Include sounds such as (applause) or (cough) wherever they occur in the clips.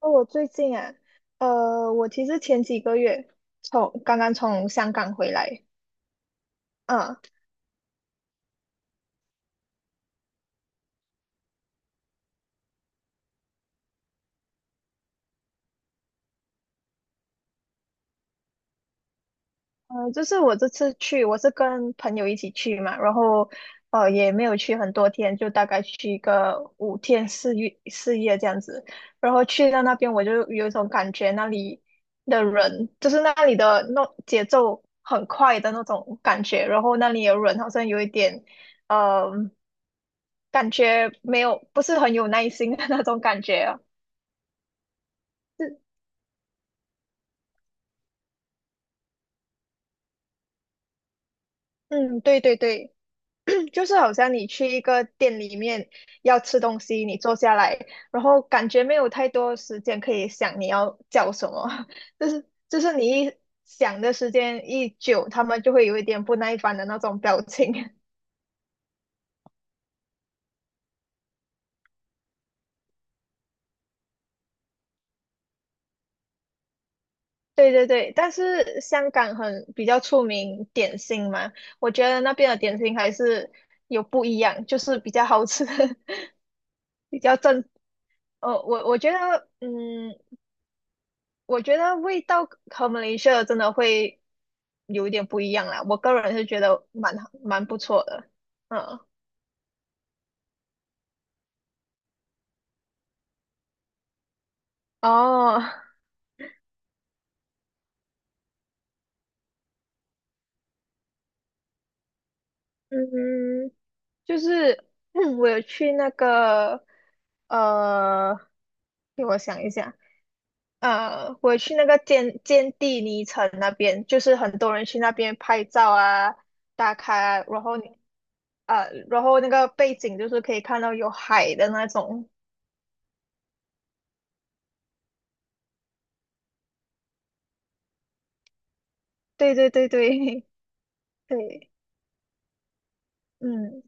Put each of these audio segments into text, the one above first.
哦，我最近啊，我其实前几个月刚刚从香港回来。嗯。就是我这次去，我是跟朋友一起去嘛，然后也没有去很多天，就大概去一个五天四夜这样子。然后去到那边我就有一种感觉，那里的人就是那里的那节奏很快的那种感觉，然后那里的人好像有一点，呃，感觉没有不是很有耐心的那种感觉啊。嗯，对对对。(clears throat) 就是好像你去一个店里面要吃东西，你坐下来，然后感觉没有太多时间可以想你要叫什么，(laughs) 就是你一想的时间一久，他们就会有一点不耐烦的那种表情。(laughs) 对对对。但是香港很比较出名点心嘛，我觉得那边的点心还是有不一样，就是比较好吃。(laughs) 比较正。我觉得，嗯，我觉得味道和马来西亚真的会有一点不一样啦。我个人是觉得蛮好蛮不错的。嗯。哦。(laughs) 嗯，就是 (clears throat) 我有去那个呃，给我想一下，我有去那个坚地尼城那边，就是很多人去那边拍照啊、打卡啊。然后你呃，然后那个背景就是可以看到有海的那种。(laughs) 对对对对。 (laughs) 对。嗯。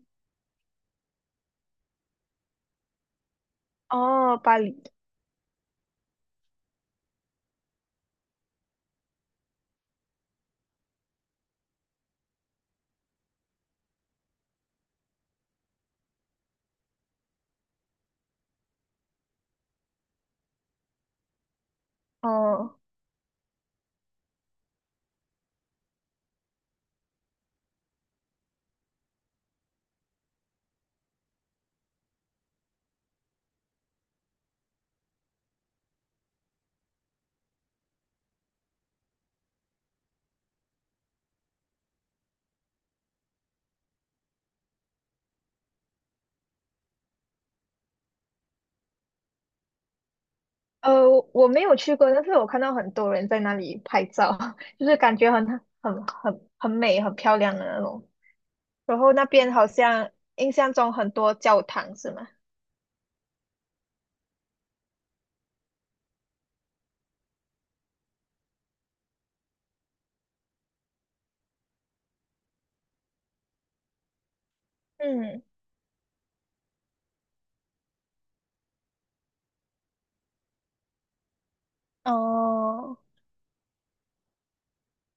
哦，巴黎。哦，呃，我没有去过，但是我看到很多人在那里拍照，(laughs) 就是感觉很很美、很漂亮的那种。然后那边好像印象中很多教堂是吗？嗯。哦，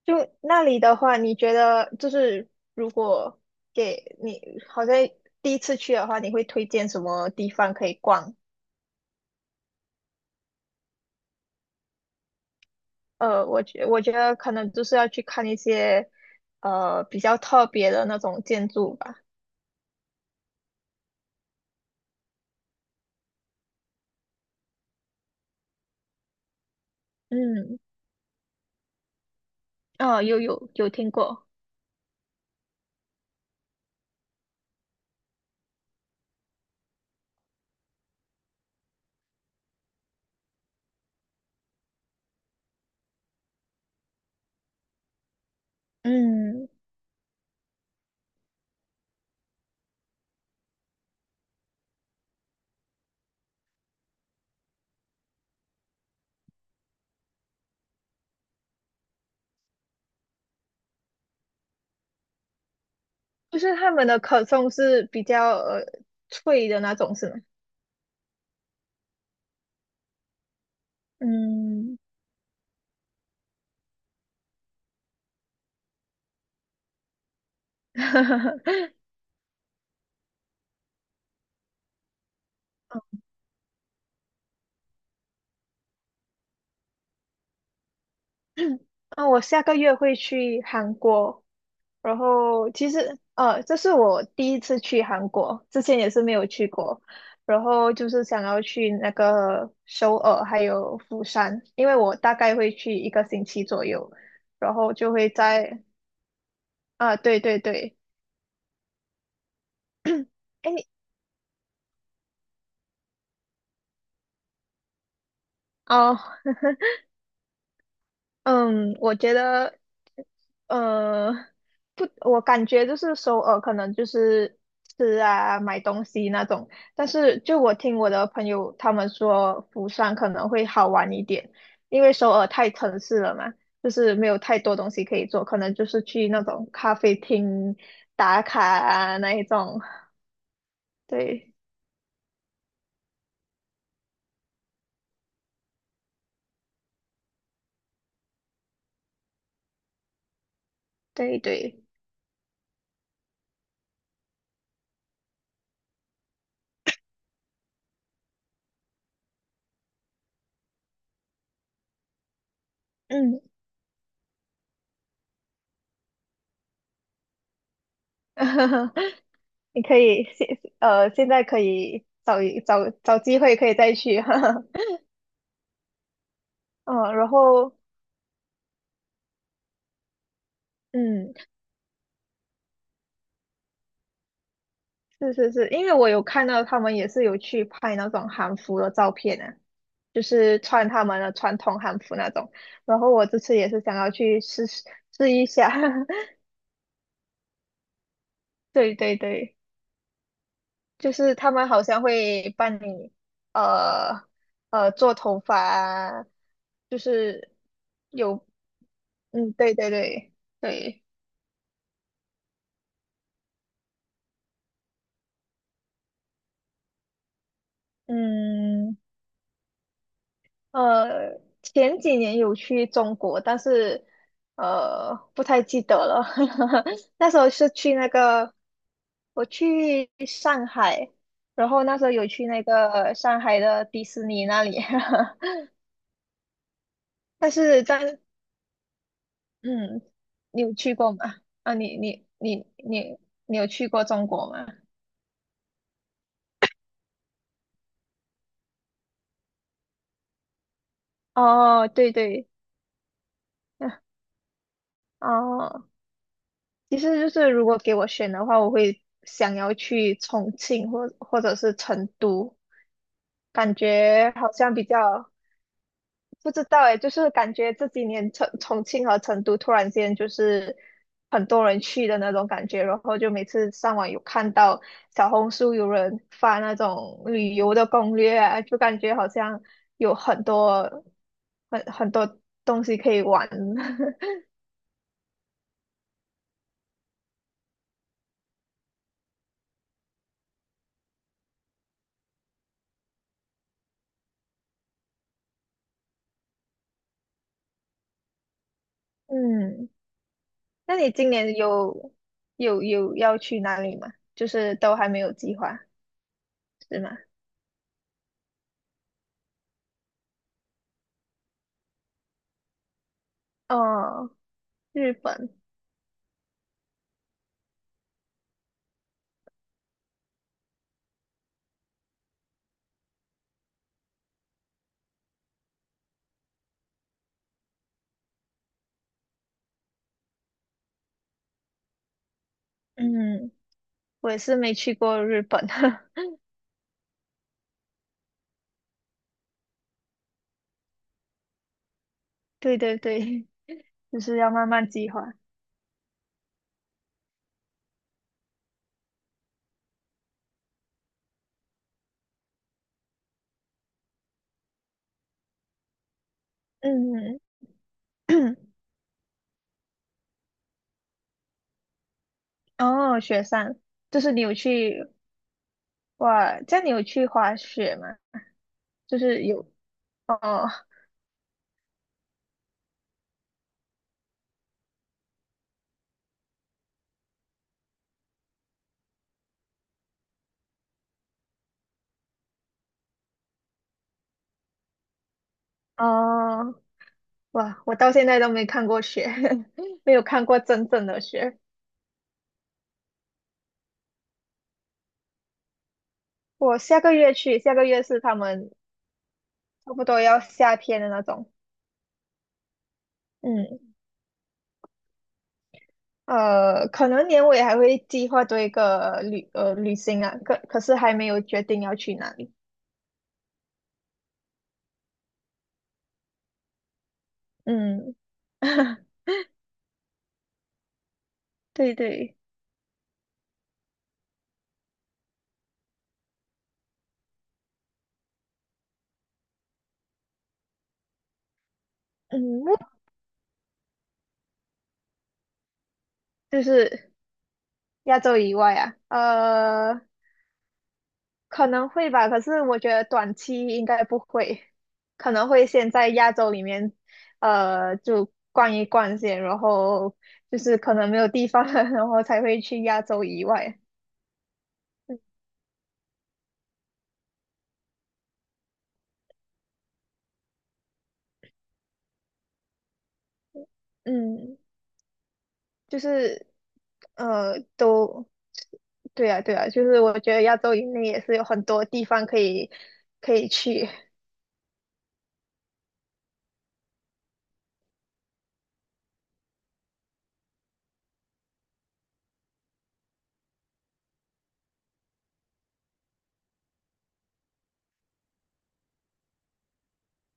就那里的话，你觉得就是如果给你好像第一次去的话，你会推荐什么地方可以逛？我觉得可能就是要去看一些比较特别的那种建筑吧。嗯。啊，有听过。嗯，就是他们的可颂是比较脆的那种，是吗？嗯。(laughs) 啊，我下个月会去韩国。然后其实,这是我第一次去韩国，之前也是没有去过。然后就是想要去那个首尔还有釜山，因为我大概会去一个星期左右，然后就会在啊、对对对。(coughs) (clears throat) 哎。哦。嗯，我觉得，呃，不，我感觉就是首尔可能就是吃啊、买东西那种，但是就我听我的朋友他们说，釜山可能会好玩一点，因为首尔太城市了嘛，就是没有太多东西可以做，可能就是去那种咖啡厅打卡啊那一种。对对对。嗯。(laughs) 你可以现呃现在可以找一找找机会可以再去。(laughs) 嗯。然后嗯，是是是，因为我有看到他们也是有去拍那种韩服的照片啊，就是穿他们的传统韩服那种。然后我这次也是想要去试一下。(laughs) 对对对。就是他们好像会帮你呃做头发啊就是有嗯对对对对。嗯。前几年有去中国，但是不太记得了。(laughs) 那时候是去那个，我去上海。然后那时候有去那个上海的迪士尼那里。(laughs) 但是在嗯，你有去过吗？啊，你有去过中国吗？哦，对对。(laughs) 哦。其实就是如果给我选的话，我会想要去重庆或者是成都。感觉好像比较不知道诶，就是感觉这几年重庆和成都突然间就是很多人去的那种感觉，然后就每次上网有看到小红书有人发那种旅游的攻略啊，就感觉好像有很多很多东西可以玩。(laughs) 嗯。那你今年有要去哪里吗？就是都还没有计划，是吗？哦，日本。嗯，我也是没去过日本。(laughs) 对对对，就是要慢慢计划。嗯。(coughs) (clears throat) 哦，雪山。就是你有去。哇，这样你有去滑雪吗？就是有。哦。哦。哇，我到现在都没看过雪。(laughs) 没有看过真正的雪。我下个月去，下个月是他们差不多要夏天的那种。嗯。可能年尾还会计划做一个旅行啊，可是还没有决定要去哪里。嗯。(laughs) 对对。嗯，就是亚洲以外啊。可能会吧，可是我觉得短期应该不会，可能会先在亚洲里面。就逛一逛先，然后就是可能没有地方了，然后才会去亚洲以外。嗯。就是呃都对啊对啊，就是我觉得亚洲以内也是有很多地方可以去。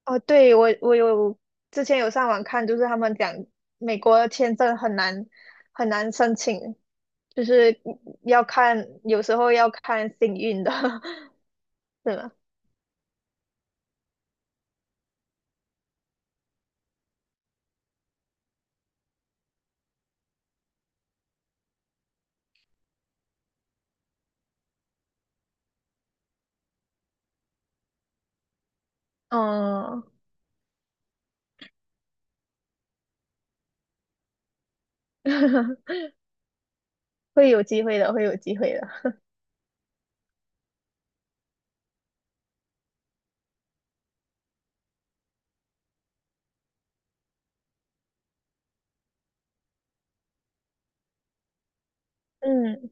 哦，对，我有之前有上网看，就是他们讲美国的签证很难很难申请，就是要看有时候要看幸运的。(laughs) 是吗？嗯。(laughs) 会有机会的，会有机会的。嗯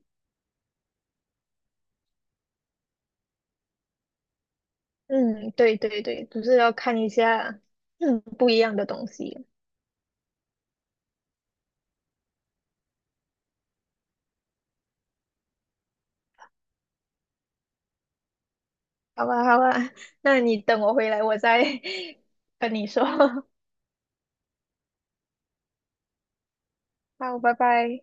嗯，对对对，就是要看一下 (coughs) 不一样的东西。好吧，好吧。那你等我回来，我再 (laughs) 跟你说。(laughs) 好，拜拜。